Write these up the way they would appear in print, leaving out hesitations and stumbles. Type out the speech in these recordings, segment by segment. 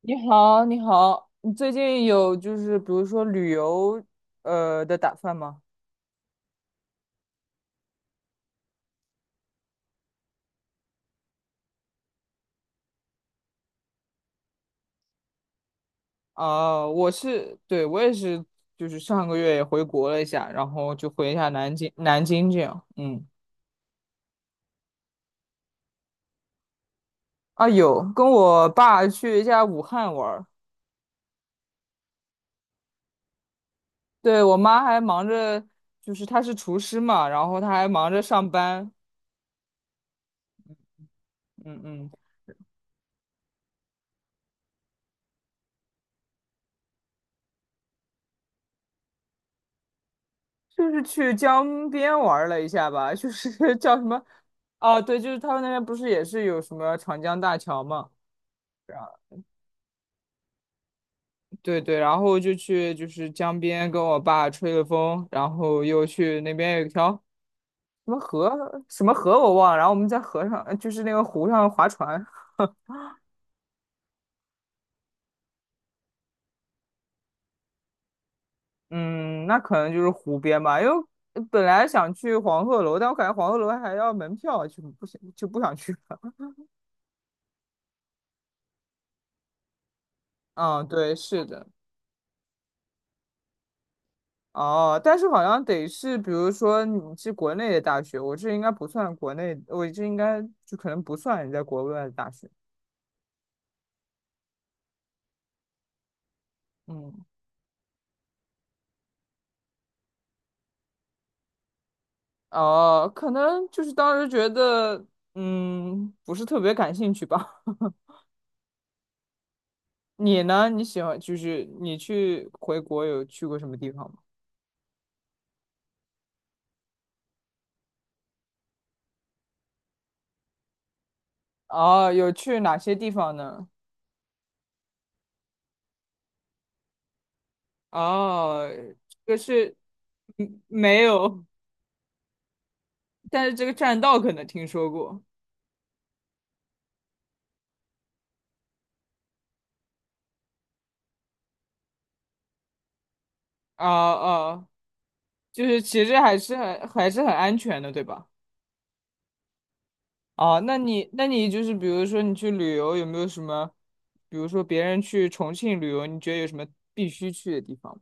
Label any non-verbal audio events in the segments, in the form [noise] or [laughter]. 你好，你好，你最近有就是比如说旅游的打算吗？啊、我是，对，我也是，就是上个月也回国了一下，然后就回一下南京，南京这样，嗯。啊有，跟我爸去一下武汉玩儿。对，我妈还忙着，就是她是厨师嘛，然后她还忙着上班，嗯嗯。就是去江边玩了一下吧，就是 [laughs] 叫什么。啊对，就是他们那边不是也是有什么长江大桥嘛。对对，然后就去就是江边跟我爸吹了风，然后又去那边有一条什么河，什么河我忘了，然后我们在河上，就是那个湖上划船。嗯，那可能就是湖边吧，因为本来想去黄鹤楼，但我感觉黄鹤楼还要门票，就不想去了。[laughs] 嗯，对，是的。哦，但是好像得是，比如说你是国内的大学，我这应该不算国内，我这应该就可能不算你在国外的大学。嗯。哦，可能就是当时觉得，不是特别感兴趣吧。[laughs] 你呢？你喜欢就是你去回国有去过什么地方吗？哦，有去哪些地方呢？哦，这个是，嗯，没有，但是这个栈道可能听说过。哦哦，就是其实还是很安全的，对吧？哦，那你就是比如说你去旅游有没有什么，比如说别人去重庆旅游，你觉得有什么必须去的地方吗？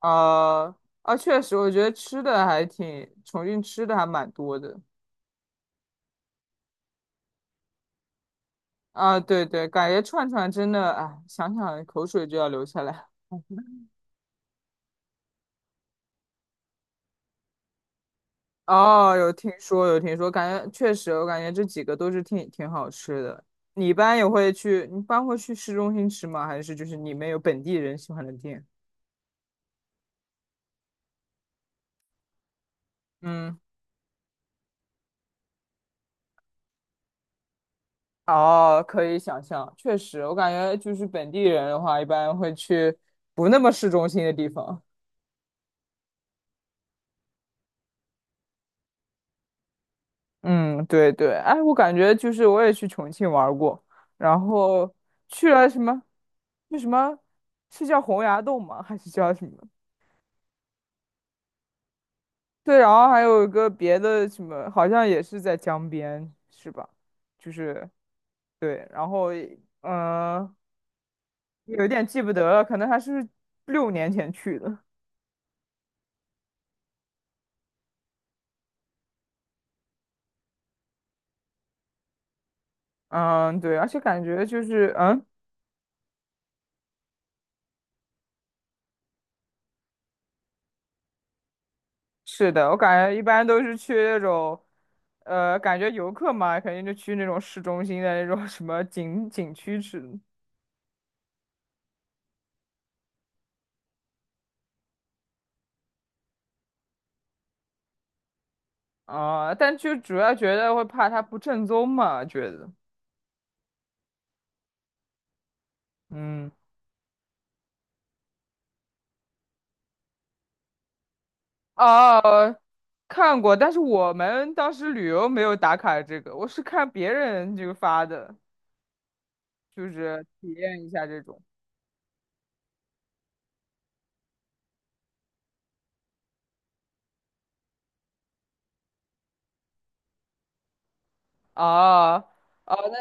啊啊，确实，我觉得吃的还挺，重庆吃的还蛮多的啊。对对，感觉串串真的，哎，想想口水就要流下来。哦，有听说，有听说，感觉确实，我感觉这几个都是挺挺好吃的。你一般也会去，你一般会去市中心吃吗？还是就是你们有本地人喜欢的店？嗯。哦，可以想象，确实，我感觉就是本地人的话，一般会去不那么市中心的地方。嗯，对对，哎，我感觉就是我也去重庆玩儿过，然后去了什么，那什么，是叫洪崖洞吗？还是叫什么？对，然后还有一个别的什么，好像也是在江边，是吧？就是对，然后嗯、有点记不得了，可能还是6年前去的。嗯，对，而且感觉就是嗯。是的，我感觉一般都是去那种，感觉游客嘛，肯定就去那种市中心的那种什么景区吃。啊、但就主要觉得会怕它不正宗嘛，觉得，嗯。哦、看过，但是我们当时旅游没有打卡这个，我是看别人就发的，就是体验一下这种。啊。哦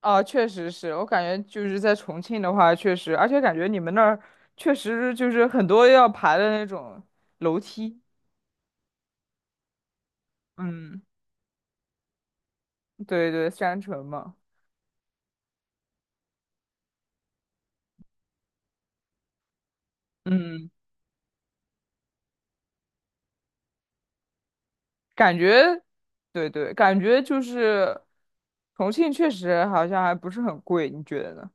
啊，确实是我感觉就是在重庆的话，确实，而且感觉你们那儿确实就是很多要爬的那种楼梯。嗯，对对，山城嘛，嗯，感觉，对对，感觉就是重庆确实好像还不是很贵，你觉得呢？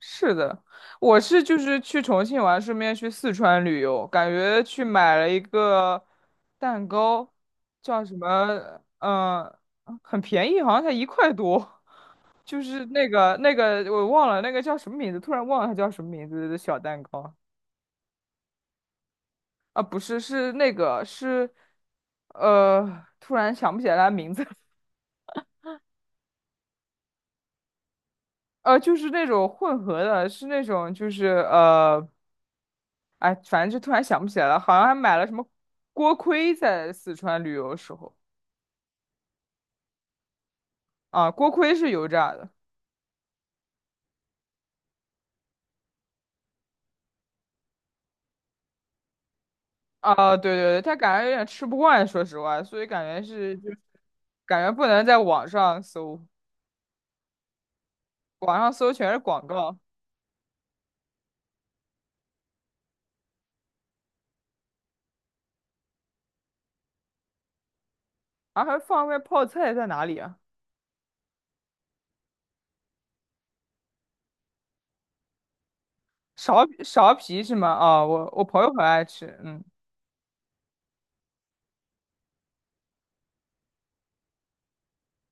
是的，我是就是去重庆玩，顺便去四川旅游，感觉去买了一个蛋糕，叫什么，很便宜，好像才1块多。就是那个我忘了那个叫什么名字，突然忘了它叫什么名字的小蛋糕啊，不是是那个是，突然想不起来它名字。[laughs] 就是那种混合的，是那种就是哎，反正就突然想不起来了，好像还买了什么锅盔在四川旅游的时候。啊，锅盔是油炸的啊，对对对，他感觉有点吃不惯，说实话，所以感觉是就是感觉不能在网上搜，网上搜全是广告。啊，还放外泡菜在哪里啊？苕皮苕皮是吗？哦，我朋友很爱吃，嗯。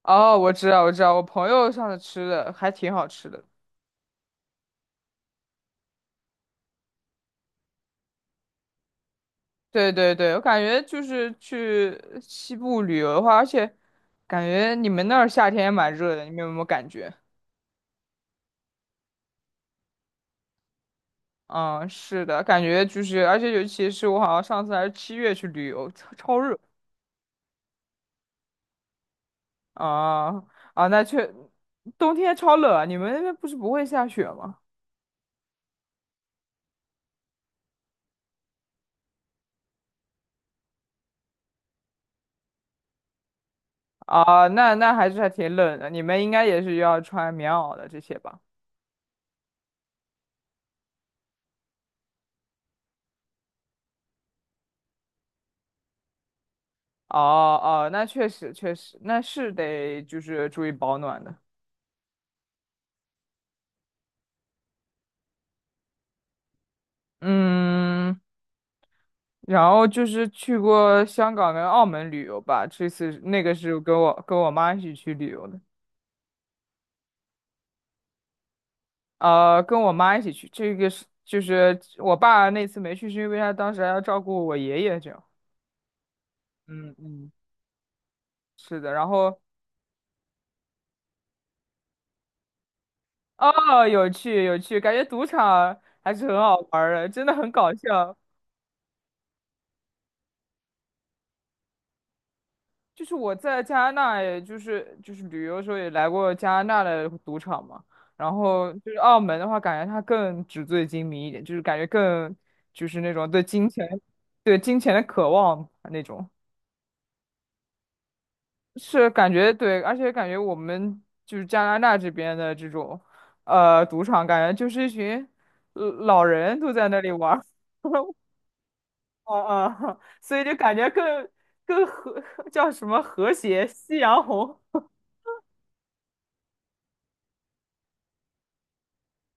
哦，我知道我知道，我朋友上次吃的还挺好吃的。对对对，我感觉就是去西部旅游的话，而且感觉你们那儿夏天也蛮热的，你们有没有感觉？嗯，是的，感觉就是，而且尤其是我好像上次还是7月去旅游，超超热。啊啊，冬天超冷啊，你们那边不是不会下雪吗？啊，那还是还挺冷的，你们应该也是要穿棉袄的这些吧？哦哦，那确实确实，那是得就是注意保暖的。嗯，然后就是去过香港跟澳门旅游吧，这次那个是跟我妈一起去旅游的。跟我妈一起去，这个是就是我爸那次没去，是因为他当时还要照顾我爷爷，这样。嗯嗯，是的，然后哦，有趣有趣，感觉赌场还是很好玩儿的，真的很搞笑。就是我在加拿大，也就是旅游的时候也来过加拿大的赌场嘛。然后就是澳门的话，感觉它更纸醉金迷一点，就是感觉更就是那种对金钱的渴望啊那种。是感觉对，而且感觉我们就是加拿大这边的这种赌场，感觉就是一群老人都在那里玩儿。[laughs] 啊啊，所以就感觉更和叫什么和谐夕阳红。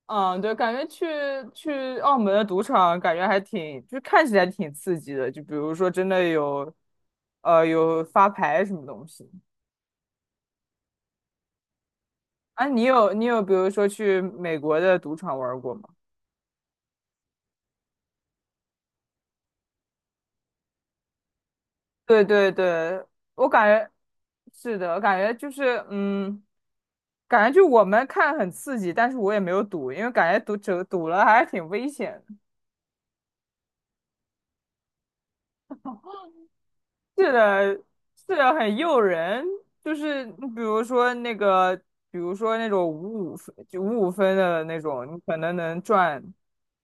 嗯，对，感觉去澳门的赌场，感觉还挺，就是看起来挺刺激的。就比如说，真的有，有发牌什么东西。啊，你有比如说去美国的赌场玩过吗？对对对，我感觉是的，我感觉就是感觉就我们看很刺激，但是我也没有赌，因为感觉赌了还是挺危险的。是的，是的，很诱人。就是你比如说那个，比如说那种五五分，就五五分的那种，你可能能赚。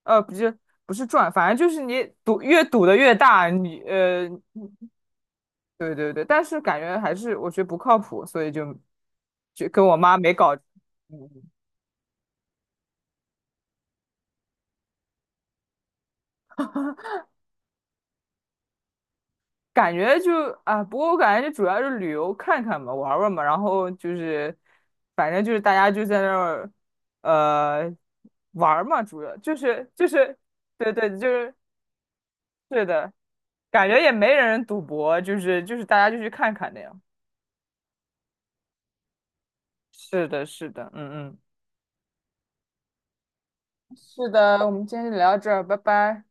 不是不是赚，反正就是你赌越赌的越大，你对对对。但是感觉还是我觉得不靠谱，所以就跟我妈没搞。嗯嗯感觉就啊，不过我感觉就主要是旅游看看嘛，玩玩嘛，然后就是反正就是大家就在那儿呃玩儿嘛，主要就是对对就是是的，感觉也没人赌博，就是大家就去看看那样。是的，是的，嗯嗯，是的，我们今天就聊到这儿，拜拜。